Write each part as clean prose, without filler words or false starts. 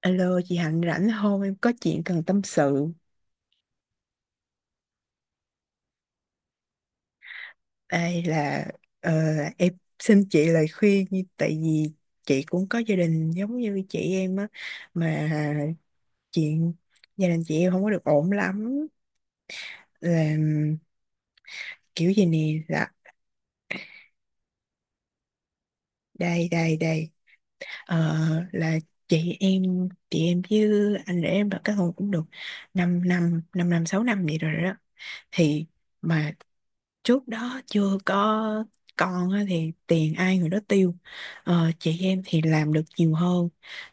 Alo chị Hạnh rảnh không? Em có chuyện cần tâm sự. Đây là ờ, em xin chị lời khuyên tại vì chị cũng có gia đình giống như chị em á, mà chuyện gia đình chị em không có được ổn lắm, là kiểu gì nè, là đây đây đây. Ờ, là chị em chị em với anh rể em đã kết hôn cũng được 5 năm 6 năm vậy rồi đó, thì mà trước đó chưa có con á thì tiền ai người đó tiêu. Chị em thì làm được nhiều hơn.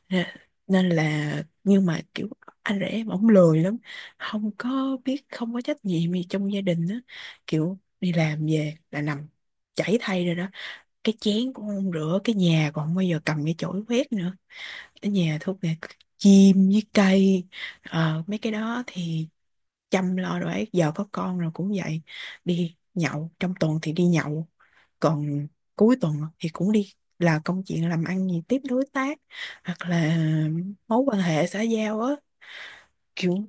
Nè- Nên là, nhưng mà kiểu anh rể em ổng lười lắm, không có biết, không có trách nhiệm gì trong gia đình á, kiểu đi làm về là nằm chảy thay rồi đó, cái chén cũng không rửa, cái nhà còn không bao giờ cầm cái chổi quét nữa, ở nhà thuốc nè, chim với cây, mấy cái đó thì chăm lo đồ ấy. Giờ có con rồi cũng vậy, đi nhậu, trong tuần thì đi nhậu, còn cuối tuần thì cũng đi, là công chuyện làm ăn gì tiếp đối tác, hoặc là mối quan hệ xã giao á, kiểu.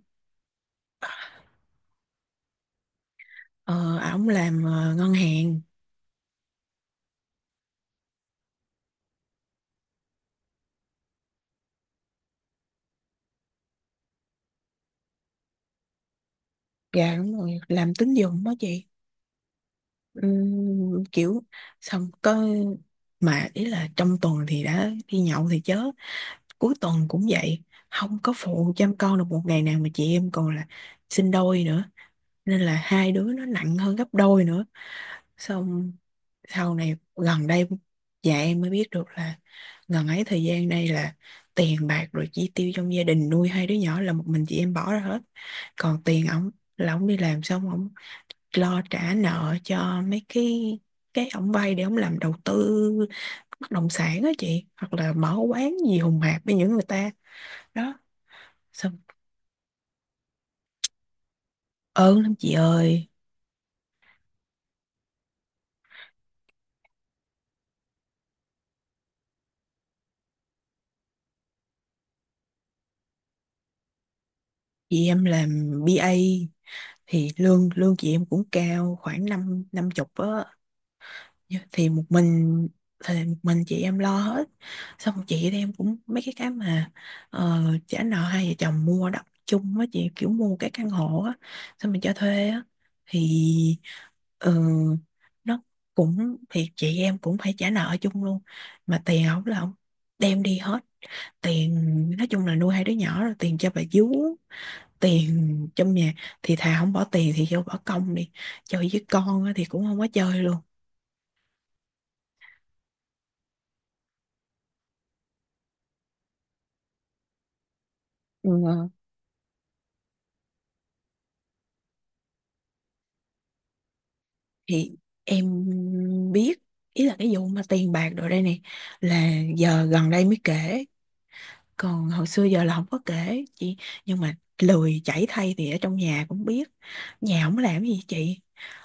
Ờ, Ổng làm ngân hàng. Dạ đúng rồi, làm tín dụng đó chị. Kiểu xong có, mà ý là trong tuần thì đã đi nhậu thì chớ, cuối tuần cũng vậy, không có phụ chăm con được một ngày nào, mà chị em còn là sinh đôi nữa, nên là hai đứa nó nặng hơn gấp đôi nữa. Xong sau này, gần đây dạ em mới biết được là, gần ấy thời gian đây là tiền bạc rồi chi tiêu trong gia đình nuôi hai đứa nhỏ là một mình chị em bỏ ra hết, còn tiền ổng là ổng đi làm xong ổng lo trả nợ cho mấy cái ổng vay để ổng làm đầu tư bất động sản á chị, hoặc là mở quán gì hùng hạp với những người ta. Đó xong, ơn lắm chị ơi. Chị em làm BA thì lương lương chị em cũng cao, khoảng năm năm chục á. Thì một mình, thì một mình chị em lo hết. Xong chị em cũng mấy cái mà trả nợ, hai vợ chồng mua đất chung á chị, kiểu mua cái căn hộ á, xong mình cho thuê á, thì ờ, nó cũng, thì chị em cũng phải trả nợ chung luôn, mà tiền ổng là ổng đem đi hết. Tiền nói chung là nuôi hai đứa nhỏ rồi tiền cho bà vú, tiền trong nhà, thì thà không bỏ tiền thì vô bỏ công đi chơi với con á, thì cũng không có chơi luôn. Ừ. Ờ. Thì em biết, ý là cái vụ mà tiền bạc đồ đây nè, là giờ gần đây mới kể, còn hồi xưa giờ là không có kể chị. Nhưng mà lười chảy thay thì ở trong nhà cũng biết, nhà không làm gì chị.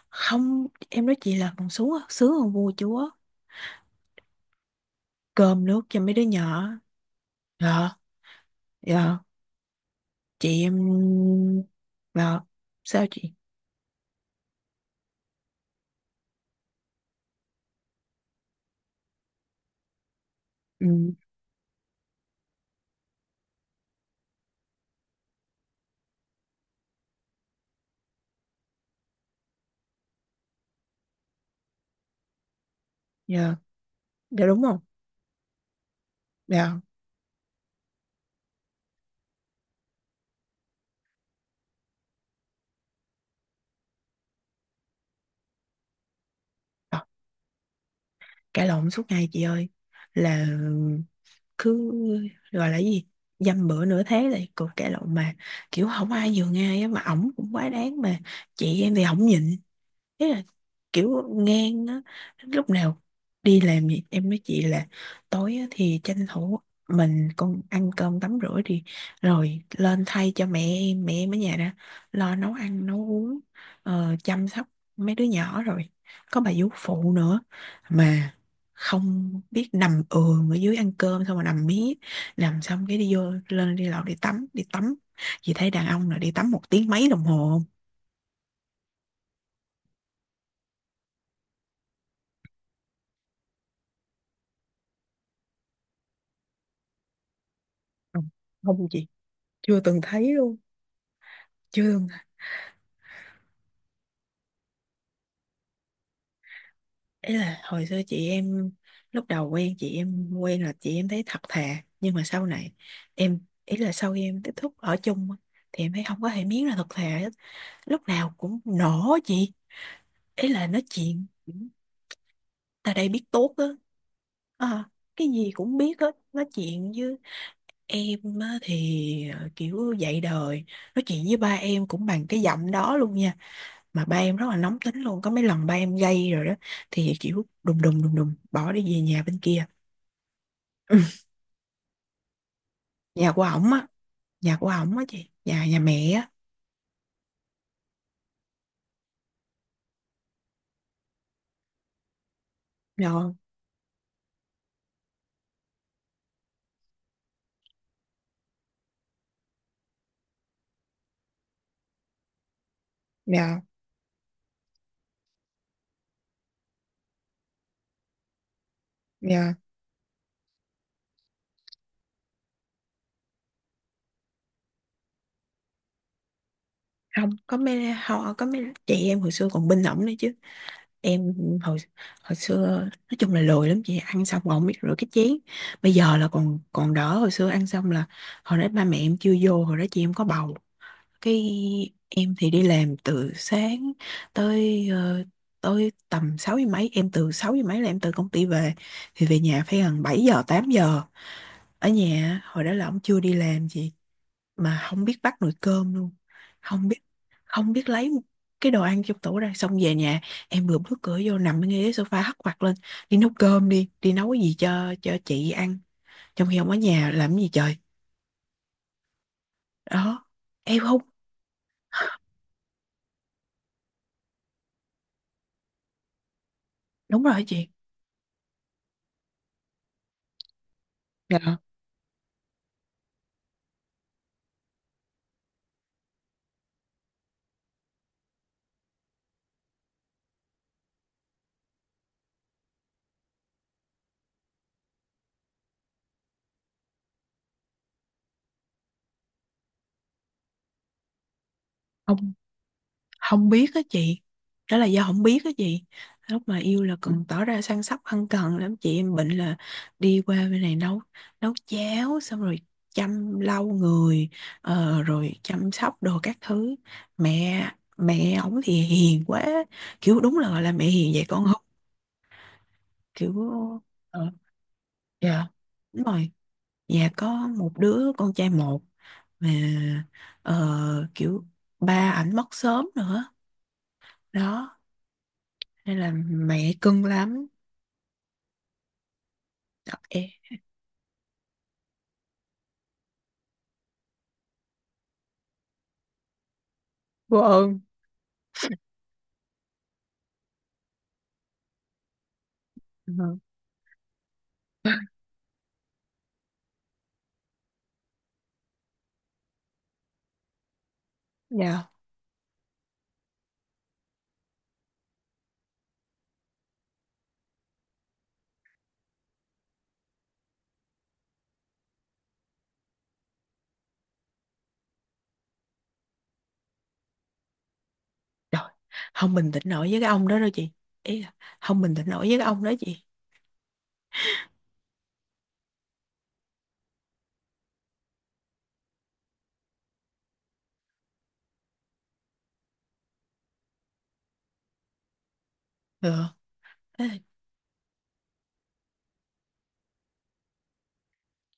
Không, em nói chị là còn xuống sướng hơn vua chúa, cơm nước cho mấy đứa nhỏ. Dạ. Dạ. Chị em dạ. Sao chị? Ừ. Dạ, dạ đúng không? Dạ. Ờ, Cãi lộn suốt ngày chị ơi. Là cứ gọi là gì? Dăm bữa nửa thế là cuộc cãi lộn mà, kiểu không ai nhường ai á, mà ổng cũng quá đáng mà chị em thì ổng nhịn, thế là kiểu ngang á. Lúc nào đi làm gì em với chị là tối á, thì tranh thủ mình con ăn cơm tắm rửa đi, rồi lên thay cho mẹ em ở nhà đã, lo nấu ăn nấu uống, chăm sóc mấy đứa nhỏ rồi có bà vú phụ nữa, mà không biết, nằm ườn ở dưới ăn cơm xong mà nằm mí, nằm xong cái đi vô, lên đi lầu đi tắm, đi tắm. Chị thấy đàn ông nào đi tắm 1 tiếng mấy đồng hồ? Không, không không chị, chưa từng thấy luôn. Chương à? Ấy là hồi xưa chị em, lúc đầu quen chị em, quen là chị em thấy thật thà, nhưng mà sau này em, ý là sau khi em tiếp xúc ở chung á, thì em thấy không có hề miếng là thật thà hết. Lúc nào cũng nổ chị, ý là nói chuyện ta đây biết tốt á. Ờ, cái gì cũng biết hết, nói chuyện với em á, thì kiểu dạy đời. Nói chuyện với ba em cũng bằng cái giọng đó luôn nha, mà ba em rất là nóng tính luôn, có mấy lần ba em gây rồi đó, thì kiểu đùng đùng đùng đùng bỏ đi về nhà bên kia. Ừ, nhà của ổng á, nhà của ổng á chị, nhà nhà mẹ á. Nhà nhà nhà Không có mấy, họ có mấy chị em hồi xưa còn bên ổng nữa chứ. Em hồi, hồi xưa nói chung là lười lắm chị, ăn xong còn không biết rửa cái chén. Bây giờ là còn, còn đỡ, hồi xưa ăn xong là, hồi đó ba mẹ em chưa vô, hồi đó chị em có bầu. Cái em thì đi làm từ sáng tới tới tầm 6 giờ mấy, em từ 6 giờ mấy là em từ công ty về, thì về nhà phải gần 7 giờ 8 giờ. Ở nhà hồi đó là ông chưa đi làm gì, mà không biết bắt nồi cơm luôn. Không biết, không biết lấy cái đồ ăn trong tủ ra. Xong về nhà em vừa bước cửa vô, nằm ngay ghế sofa hất quạt lên, đi nấu cơm đi, đi nấu cái gì cho chị ăn, trong khi ông ở nhà làm cái gì trời. Đó. Em không, đúng rồi chị. Dạ. Không, không biết á chị, đó là do không biết á chị. Lúc mà yêu là cần tỏ ra săn sóc ân cần lắm, chị em bệnh là đi qua bên này nấu, nấu cháo, xong rồi chăm lau người, rồi chăm sóc đồ các thứ. Mẹ mẹ ổng thì hiền quá, kiểu đúng là gọi là mẹ hiền vậy con không, kiểu. ờ, dạ đúng rồi, nhà có một đứa con trai một, mà kiểu ba ảnh mất sớm nữa đó, nên là mẹ cưng lắm. Ê, vô ơn. Ừ, dạ. Trời, không bình tĩnh nổi với cái ông đó đâu chị, ý là không bình tĩnh nổi với cái ông đó chị. Ừ. Thế là-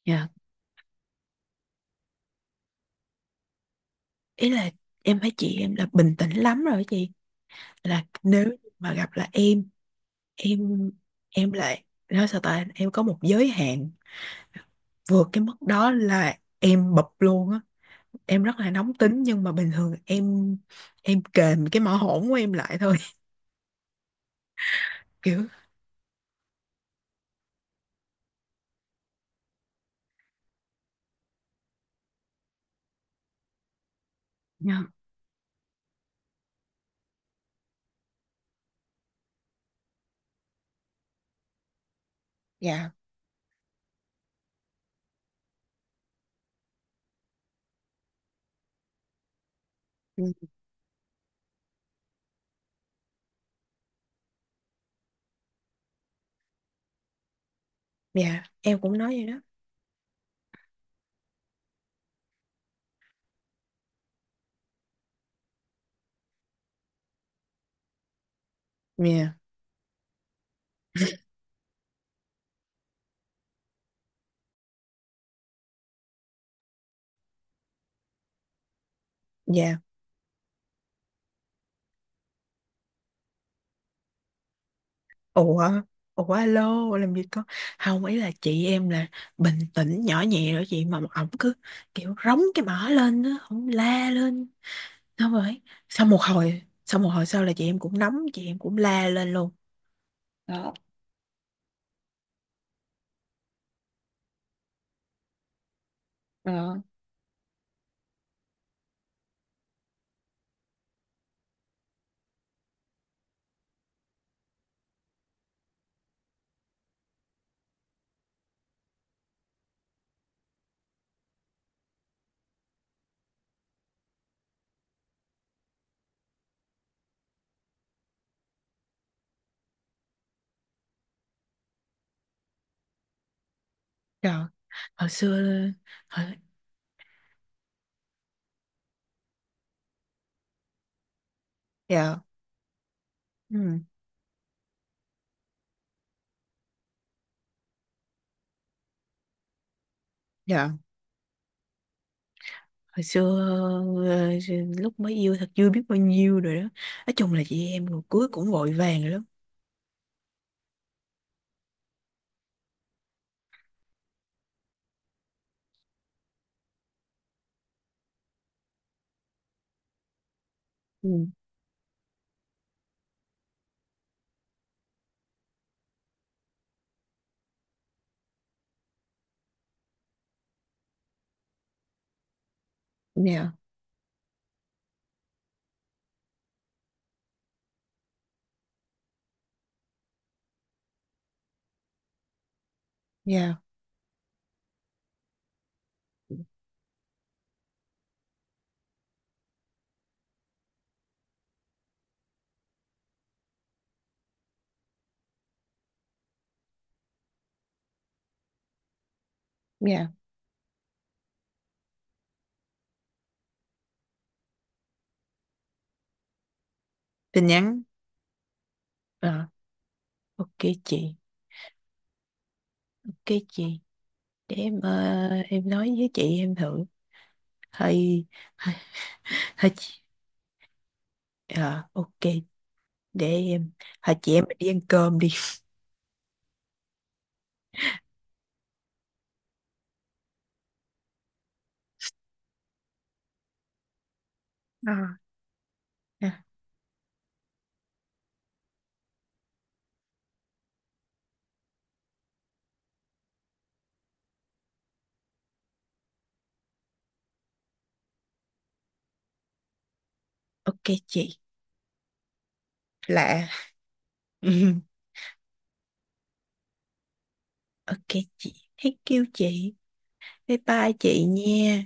dạ. Ý là em thấy chị em là bình tĩnh lắm rồi đó chị, là nếu mà gặp là em, em em lại nói sao ta, em có một giới hạn, vượt cái mức đó là em bập luôn á. Em rất là nóng tính, nhưng mà bình thường em kềm cái mỏ hổn của em lại thôi. Kiểu, dạ, dạ, dạ em cũng nói vậy đó. Dạ. Dạ. Ủa, ủa alo làm gì có. Không, ý là chị em là bình tĩnh nhỏ nhẹ rồi chị, mà ổng cứ kiểu rống cái mỏ lên á, ổng la lên, xong rồi, sau một hồi sau là chị em cũng nóng, chị em cũng la lên luôn. Dạ. Hồi xưa, hồi, dạ. Ừ, dạ hồi xưa ờ, lúc mới yêu, thật chưa biết bao nhiêu rồi đó, nói chung là chị em rồi cưới cũng vội vàng lắm. Ừ. Dạ. Dạ. Dạ. Tin nhắn. Ờ, ok chị, ok chị. Để em, em nói với chị em thử. Hay, hay, hay chị. Ờ, ok, để em, hay chị em mình đi ăn cơm đi. Ờ. À, ok chị. Lạ. Ok chị. Thank you chị. Bye bye chị nha.